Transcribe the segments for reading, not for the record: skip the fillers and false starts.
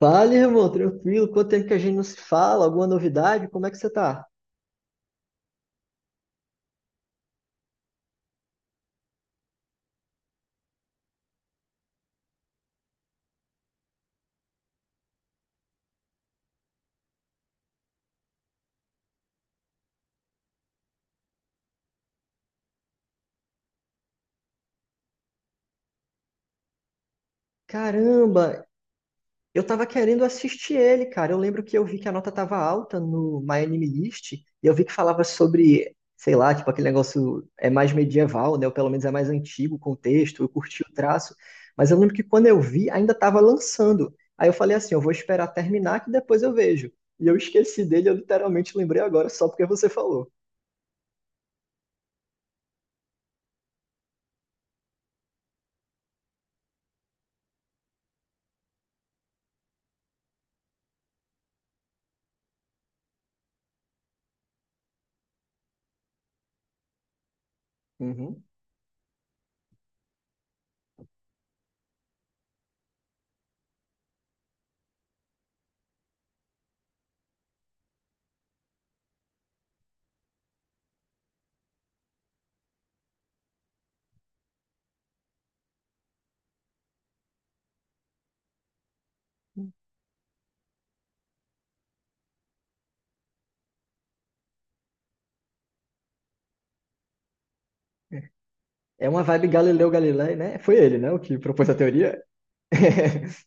Fala, irmão, tranquilo. Quanto tempo que a gente não se fala? Alguma novidade? Como é que você tá? Caramba, eu tava querendo assistir ele, cara. Eu lembro que eu vi que a nota tava alta no My Anime List, e eu vi que falava sobre, sei lá, tipo, aquele negócio é mais medieval, né? Ou pelo menos é mais antigo o contexto, eu curti o traço. Mas eu lembro que quando eu vi, ainda tava lançando. Aí eu falei assim, eu vou esperar terminar que depois eu vejo. E eu esqueci dele, eu literalmente lembrei agora, só porque você falou. Uhum. É uma vibe Galileu Galilei, né? Foi ele, né? O que propôs a teoria.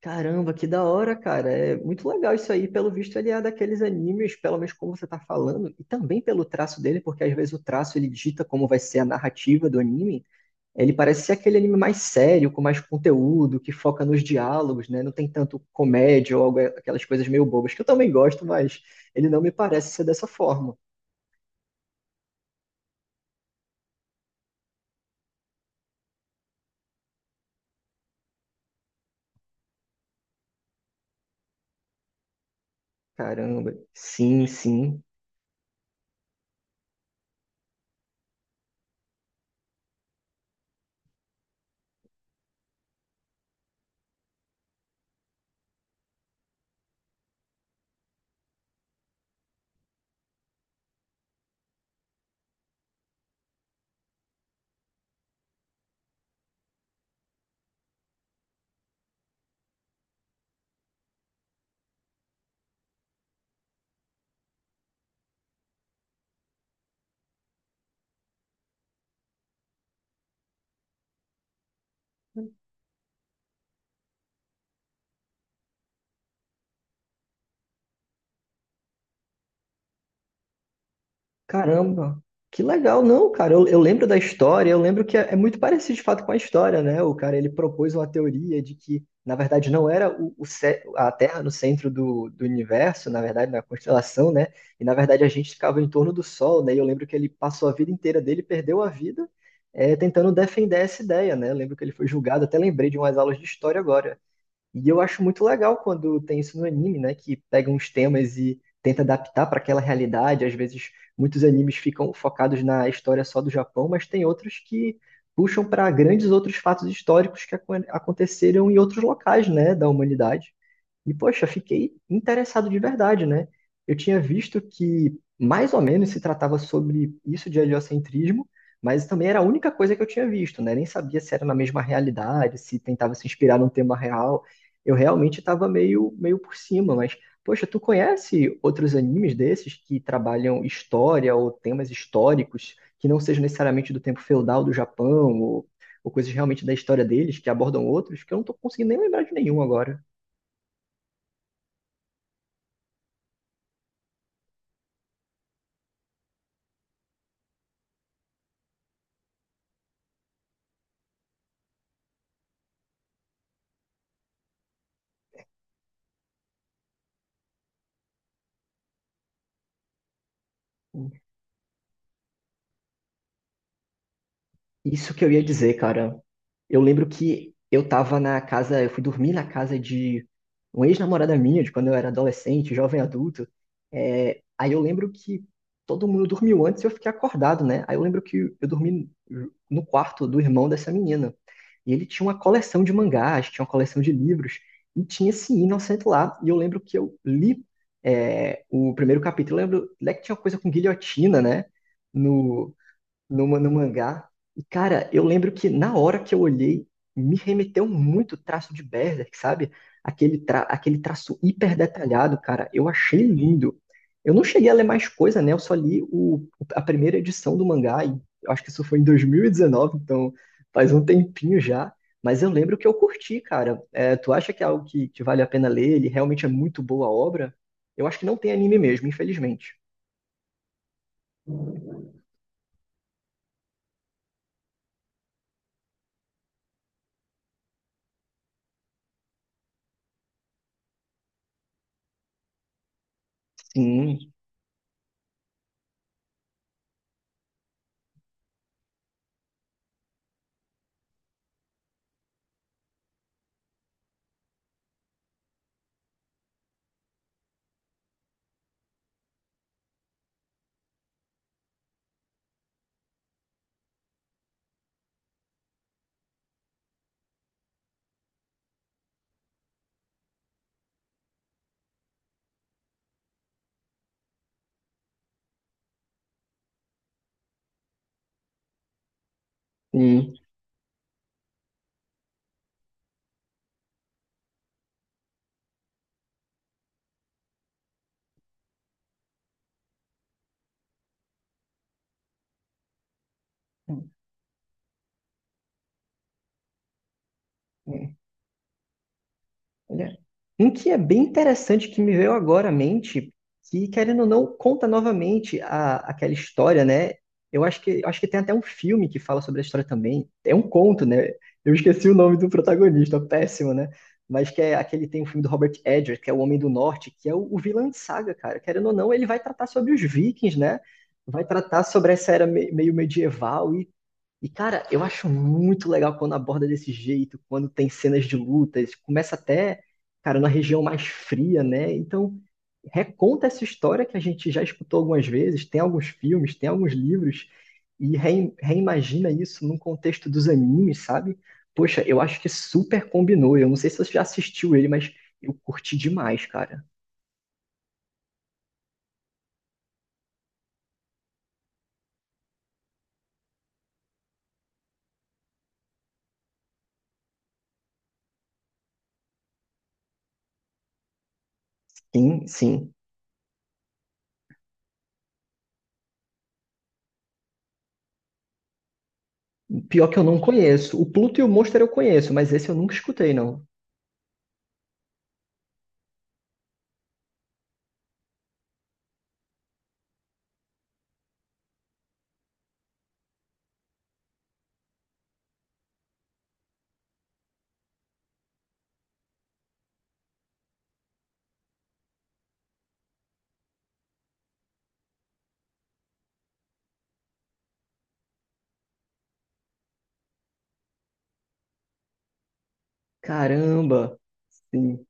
Caramba, que da hora, cara. É muito legal isso aí. Pelo visto, ele é daqueles animes, pelo menos como você tá falando, e também pelo traço dele, porque às vezes o traço ele dita como vai ser a narrativa do anime. Ele parece ser aquele anime mais sério, com mais conteúdo, que foca nos diálogos, né? Não tem tanto comédia ou aquelas coisas meio bobas, que eu também gosto, mas ele não me parece ser dessa forma. Caramba. Sim, sim. Caramba, que legal, não, cara. Eu lembro da história, eu lembro que é muito parecido de fato com a história, né? O cara ele propôs uma teoria de que, na verdade, não era o a Terra no centro do universo, na verdade, na constelação, né? E na verdade a gente ficava em torno do Sol, né? E eu lembro que ele passou a vida inteira dele, perdeu a vida, tentando defender essa ideia, né? Eu lembro que ele foi julgado, até lembrei de umas aulas de história agora. E eu acho muito legal quando tem isso no anime, né? Que pega uns temas e tenta adaptar para aquela realidade. Às vezes, muitos animes ficam focados na história só do Japão, mas tem outros que puxam para grandes outros fatos históricos que aconteceram em outros locais, né, da humanidade. E, poxa, fiquei interessado de verdade, né? Eu tinha visto que mais ou menos se tratava sobre isso de heliocentrismo, mas também era a única coisa que eu tinha visto, né? Nem sabia se era na mesma realidade, se tentava se inspirar num tema real. Eu realmente estava meio por cima, mas, poxa, tu conhece outros animes desses que trabalham história ou temas históricos que não sejam necessariamente do tempo feudal do Japão ou coisas realmente da história deles que abordam outros, que eu não estou conseguindo nem lembrar de nenhum agora. Isso que eu ia dizer, cara. Eu lembro que eu tava na casa, eu fui dormir na casa de uma ex-namorada minha, de quando eu era adolescente, jovem adulto. É, aí eu lembro que todo mundo dormiu antes e eu fiquei acordado, né? Aí eu lembro que eu dormi no quarto do irmão dessa menina. E ele tinha uma coleção de mangás, tinha uma coleção de livros, e tinha esse Inocent lá. E eu lembro que eu li o primeiro capítulo. Eu lembro, né, que tinha uma coisa com guilhotina, né? No mangá. E, cara, eu lembro que na hora que eu olhei, me remeteu muito o traço de Berserk, sabe? Aquele traço hiper detalhado, cara. Eu achei lindo. Eu não cheguei a ler mais coisa, né? Eu só li a primeira edição do mangá, e eu acho que isso foi em 2019, então faz um tempinho já. Mas eu lembro que eu curti, cara. É, tu acha que é algo que vale a pena ler? Ele realmente é muito boa a obra? Eu acho que não tem anime mesmo, infelizmente. Sim, sim. Olha, um que é bem interessante que me veio agora à mente, que querendo ou não conta novamente aquela história, né? Eu acho que tem até um filme que fala sobre a história também. É um conto, né? Eu esqueci o nome do protagonista, é péssimo, né? Mas que é aquele tem um filme do Robert Edger, que é o Homem do Norte, que é o vilão de saga, cara. Querendo ou não, ele vai tratar sobre os vikings, né? Vai tratar sobre essa era meio medieval e, cara, eu acho muito legal quando aborda desse jeito, quando tem cenas de lutas, começa até, cara, na região mais fria, né? Então, reconta essa história que a gente já escutou algumas vezes, tem alguns filmes, tem alguns livros, e reimagina isso num contexto dos animes, sabe? Poxa, eu acho que super combinou. Eu não sei se você já assistiu ele, mas eu curti demais, cara. Sim, sim. Pior que eu não conheço. O Pluto e o Monster eu conheço, mas esse eu nunca escutei, não. Caramba, sim.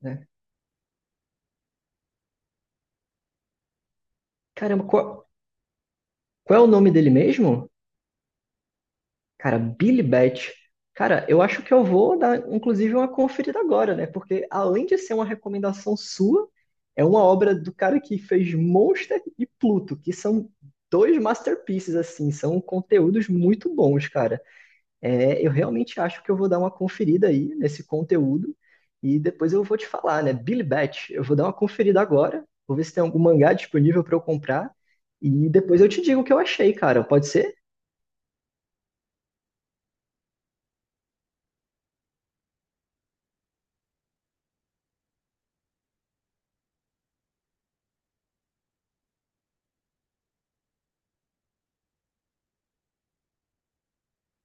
Né? Caramba, qual é o nome dele mesmo? Cara, Billy Bat. Cara, eu acho que eu vou dar, inclusive, uma conferida agora, né? Porque além de ser uma recomendação sua, é uma obra do cara que fez Monster e Pluto, que são dois masterpieces, assim, são conteúdos muito bons, cara. É, eu realmente acho que eu vou dar uma conferida aí nesse conteúdo e depois eu vou te falar, né? Billy Bat, eu vou dar uma conferida agora, vou ver se tem algum mangá disponível para eu comprar e depois eu te digo o que eu achei, cara. Pode ser?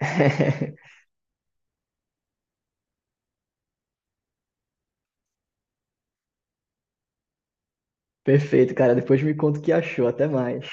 Perfeito, cara. Depois me conta o que achou. Até mais.